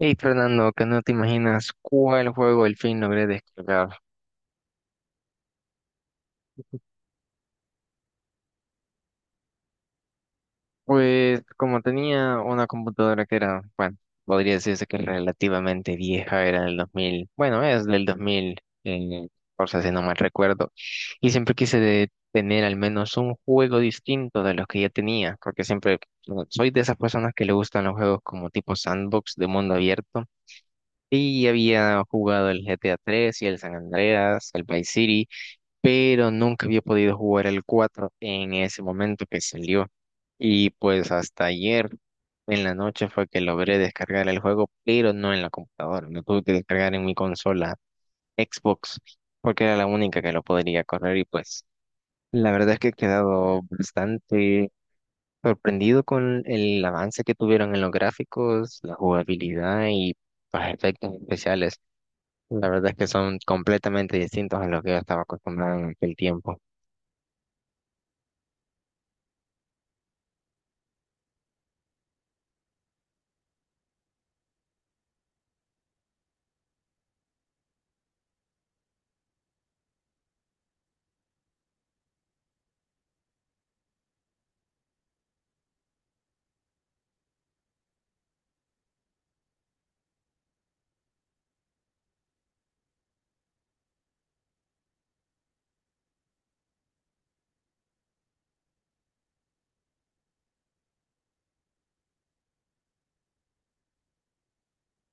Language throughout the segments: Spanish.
Hey Fernando, que no te imaginas cuál juego al fin logré descargar. Pues como tenía una computadora que era, bueno, podría decirse que relativamente vieja, era del 2000, bueno, es del 2014 si no mal recuerdo, y siempre quise tener al menos un juego distinto de los que ya tenía, porque siempre bueno, soy de esas personas que le gustan los juegos como tipo sandbox de mundo abierto, y había jugado el GTA 3 y el San Andreas, el Vice City, pero nunca había podido jugar el 4 en ese momento que salió. Y pues hasta ayer en la noche fue que logré descargar el juego, pero no en la computadora. Lo tuve que descargar en mi consola Xbox, porque era la única que lo podría correr. Y pues la verdad es que he quedado bastante sorprendido con el avance que tuvieron en los gráficos, la jugabilidad y los efectos especiales. La verdad es que son completamente distintos a lo que yo estaba acostumbrado en aquel tiempo.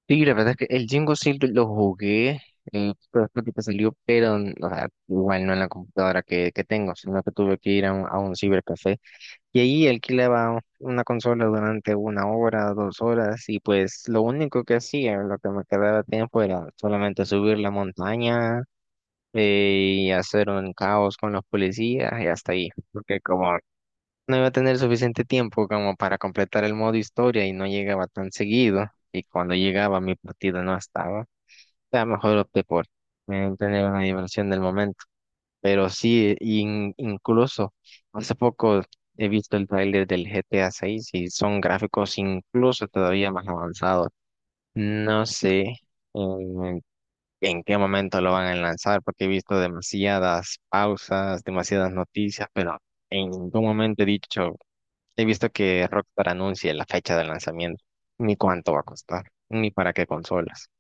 Sí, la verdad es que el Jingo sí lo jugué, pero creo que te salió, pero o sea, igual no en la computadora que tengo, sino que tuve que ir a a un cibercafé y ahí alquilaba una consola durante una hora, dos horas y pues lo único que hacía, lo que me quedaba tiempo era solamente subir la montaña, y hacer un caos con los policías y hasta ahí, porque como no iba a tener suficiente tiempo como para completar el modo historia y no llegaba tan seguido. Y cuando llegaba mi partida no estaba. O sea, mejor opté por tener una diversión del momento. Pero sí, incluso hace poco he visto el tráiler del GTA 6 y son gráficos incluso todavía más avanzados. No sé en, en qué momento lo van a lanzar porque he visto demasiadas pausas, demasiadas noticias, pero en ningún momento he dicho... He visto que Rockstar anuncia la fecha de lanzamiento, ni cuánto va a costar, ni para qué consolas.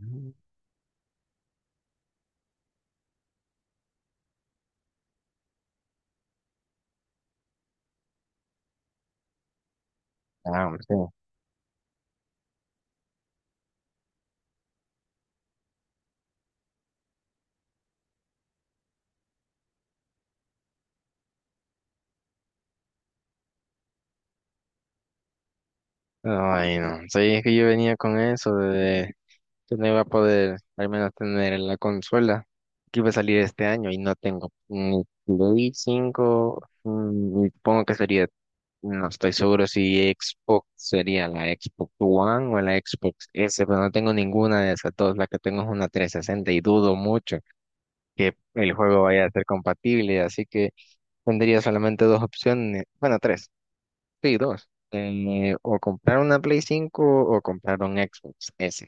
Ujú. Ah, hombre, sí. Ay, no. Sí, es que yo venía con eso de que no iba a poder al menos tener la consola que iba a salir este año y no tengo ni Play 5, ni supongo que sería, no estoy seguro si Xbox sería la Xbox One o la Xbox S, pero no tengo ninguna de esas dos. La que tengo es una 360 y dudo mucho que el juego vaya a ser compatible, así que tendría solamente dos opciones, bueno, tres, sí, dos, o comprar una Play 5 o comprar un Xbox S.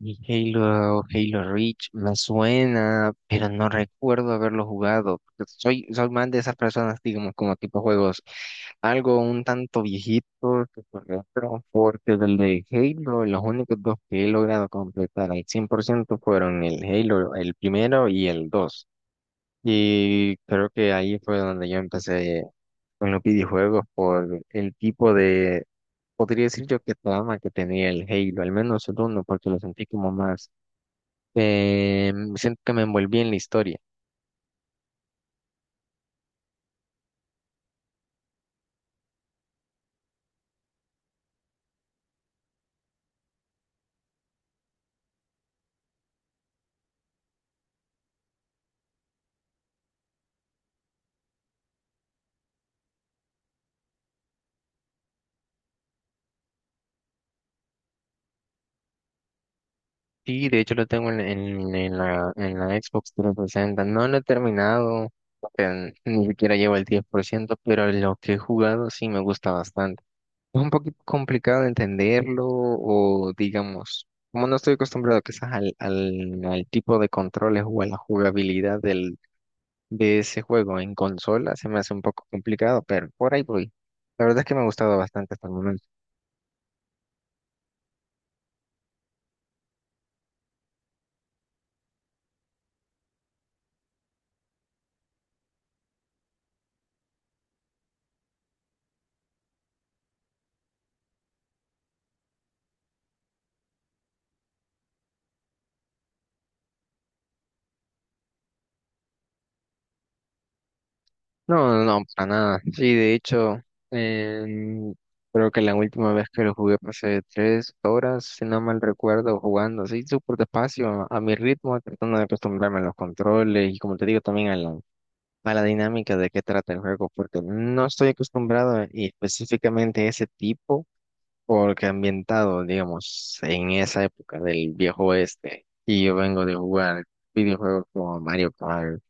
Y Halo, Halo Reach me suena, pero no recuerdo haberlo jugado, porque soy más de esas personas, digamos, como tipo juegos, algo un tanto viejito, que por ejemplo, porque del de Halo, los únicos dos que he logrado completar al 100% fueron el Halo, el primero y el 2. Y creo que ahí fue donde yo empecé con los videojuegos por el tipo de, podría decir yo que trama que tenía el Halo, al menos el uno, porque lo sentí como más, eh, siento que me envolví en la historia. Sí, de hecho lo tengo en la Xbox 360, no lo he terminado, porque ni siquiera llevo el 10% pero lo que he jugado sí me gusta bastante. Es un poquito complicado de entenderlo o digamos, como no estoy acostumbrado quizás al tipo de controles o a la jugabilidad del, de ese juego en consola, se me hace un poco complicado, pero por ahí voy. La verdad es que me ha gustado bastante hasta el momento. No, no, no, para nada. Sí, de hecho, em, creo que la última vez que lo jugué pasé tres horas, si no mal recuerdo, jugando así súper despacio, a mi ritmo, tratando de acostumbrarme a los controles y como te digo también a la dinámica de qué trata el juego, porque no estoy acostumbrado y específicamente ese tipo, porque ambientado, digamos, en esa época del viejo oeste, y yo vengo de jugar videojuegos como Mario Kart,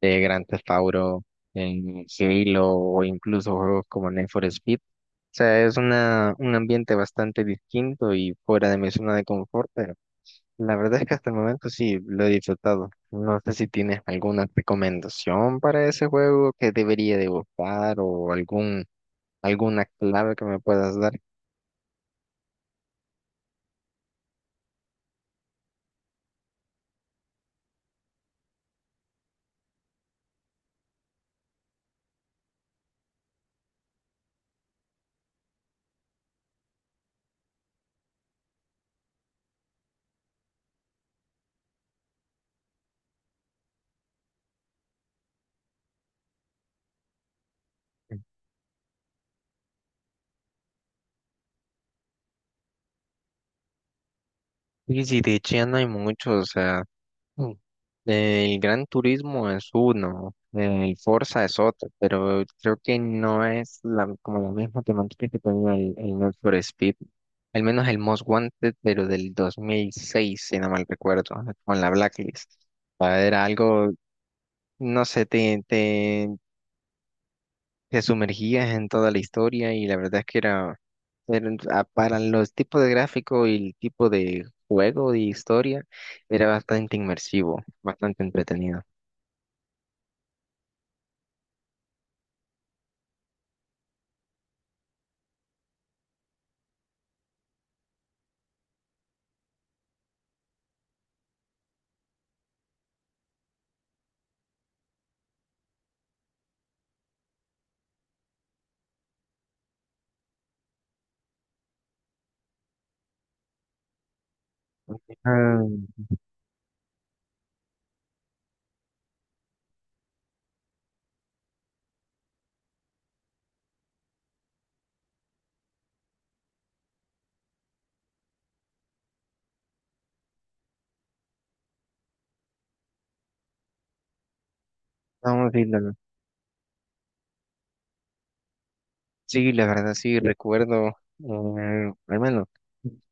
Grand Theft Auto, en Halo, o incluso juegos como Need for Speed. O sea, es una, un ambiente bastante distinto y fuera de mi zona de confort, pero la verdad es que hasta el momento sí lo he disfrutado. No sé si tienes alguna recomendación para ese juego que debería de buscar o algún, alguna clave que me puedas dar. Y si de hecho no hay muchos, o sea, mm, el Gran Turismo es uno, el Forza es otro, pero creo que no es la, como la misma temática que tenía el Need for Speed, al menos el Most Wanted, pero del 2006, si no mal recuerdo, con la Blacklist. O sea, era algo, no sé, te sumergías en toda la historia y la verdad es que era, era para los tipos de gráfico y el tipo de juego de historia, era bastante inmersivo, bastante entretenido. Ah, vamos a decirlo. Sí, la verdad sí recuerdo, al menos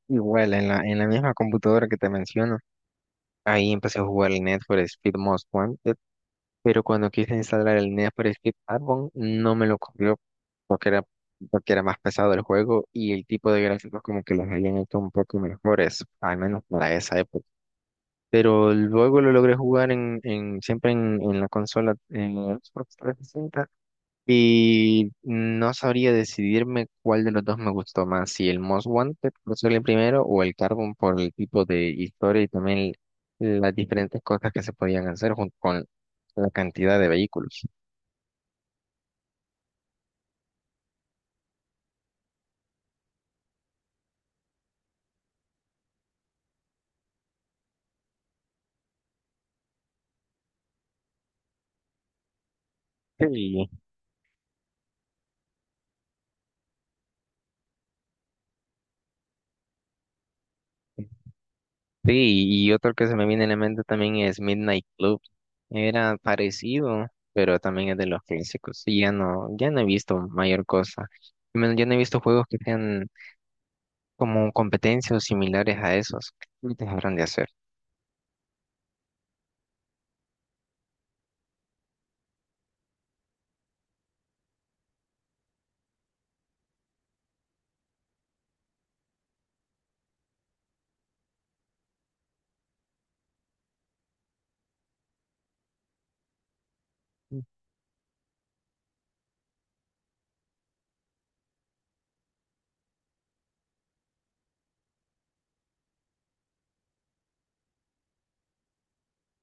igual en la misma computadora que te menciono, ahí empecé a jugar el Need for Speed Most Wanted, pero cuando quise instalar el Need for Speed Carbon no me lo corrió porque era más pesado el juego y el tipo de gráficos como que los habían hecho un poco mejores, al menos para esa época. Pero luego lo logré jugar en la consola, en la Xbox 360, y no sabría decidirme cuál de los dos me gustó más, si el Most Wanted por ser el primero o el Carbon por el tipo de historia y también las diferentes cosas que se podían hacer junto con la cantidad de vehículos. Sí. Sí, y otro que se me viene en la mente también es Midnight Club. Era parecido, pero también es de los clásicos. Y ya no, ya no he visto mayor cosa. Y menos, ya no he visto juegos que sean como competencias o similares a esos. ¿Qué te habrán de hacer?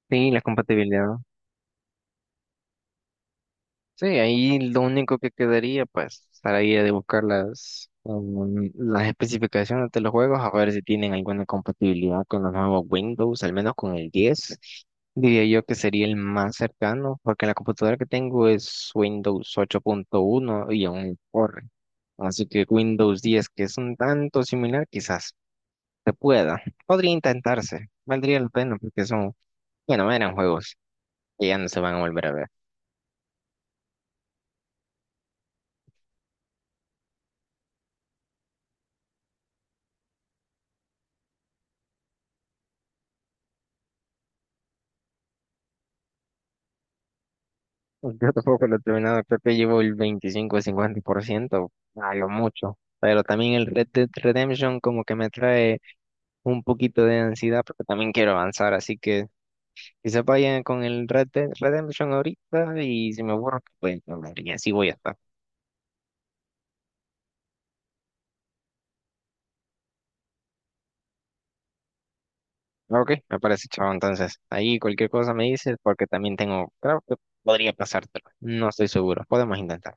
Sí, la compatibilidad. Sí, ahí lo único que quedaría, pues, estaría de buscar las, las especificaciones de los juegos, a ver si tienen alguna compatibilidad con los nuevos Windows, al menos con el diez. Diría yo que sería el más cercano, porque la computadora que tengo es Windows ocho punto uno y aún corre. Así que Windows 10 que es un tanto similar, quizás se pueda. Podría intentarse, valdría la pena, porque son, bueno, eran juegos que ya no se van a volver a ver. Pues, yo tampoco lo he terminado, creo que llevo el 25 o 50%, a lo mucho. Pero también el Red Dead Redemption como que me trae un poquito de ansiedad porque también quiero avanzar, así que quizá vaya con el Red Dead Redemption ahorita y si me aburro, pues hablar y así voy a estar. Ok, me parece chavo, entonces ahí cualquier cosa me dices porque también tengo, creo que podría pasártelo, no estoy seguro, podemos intentar.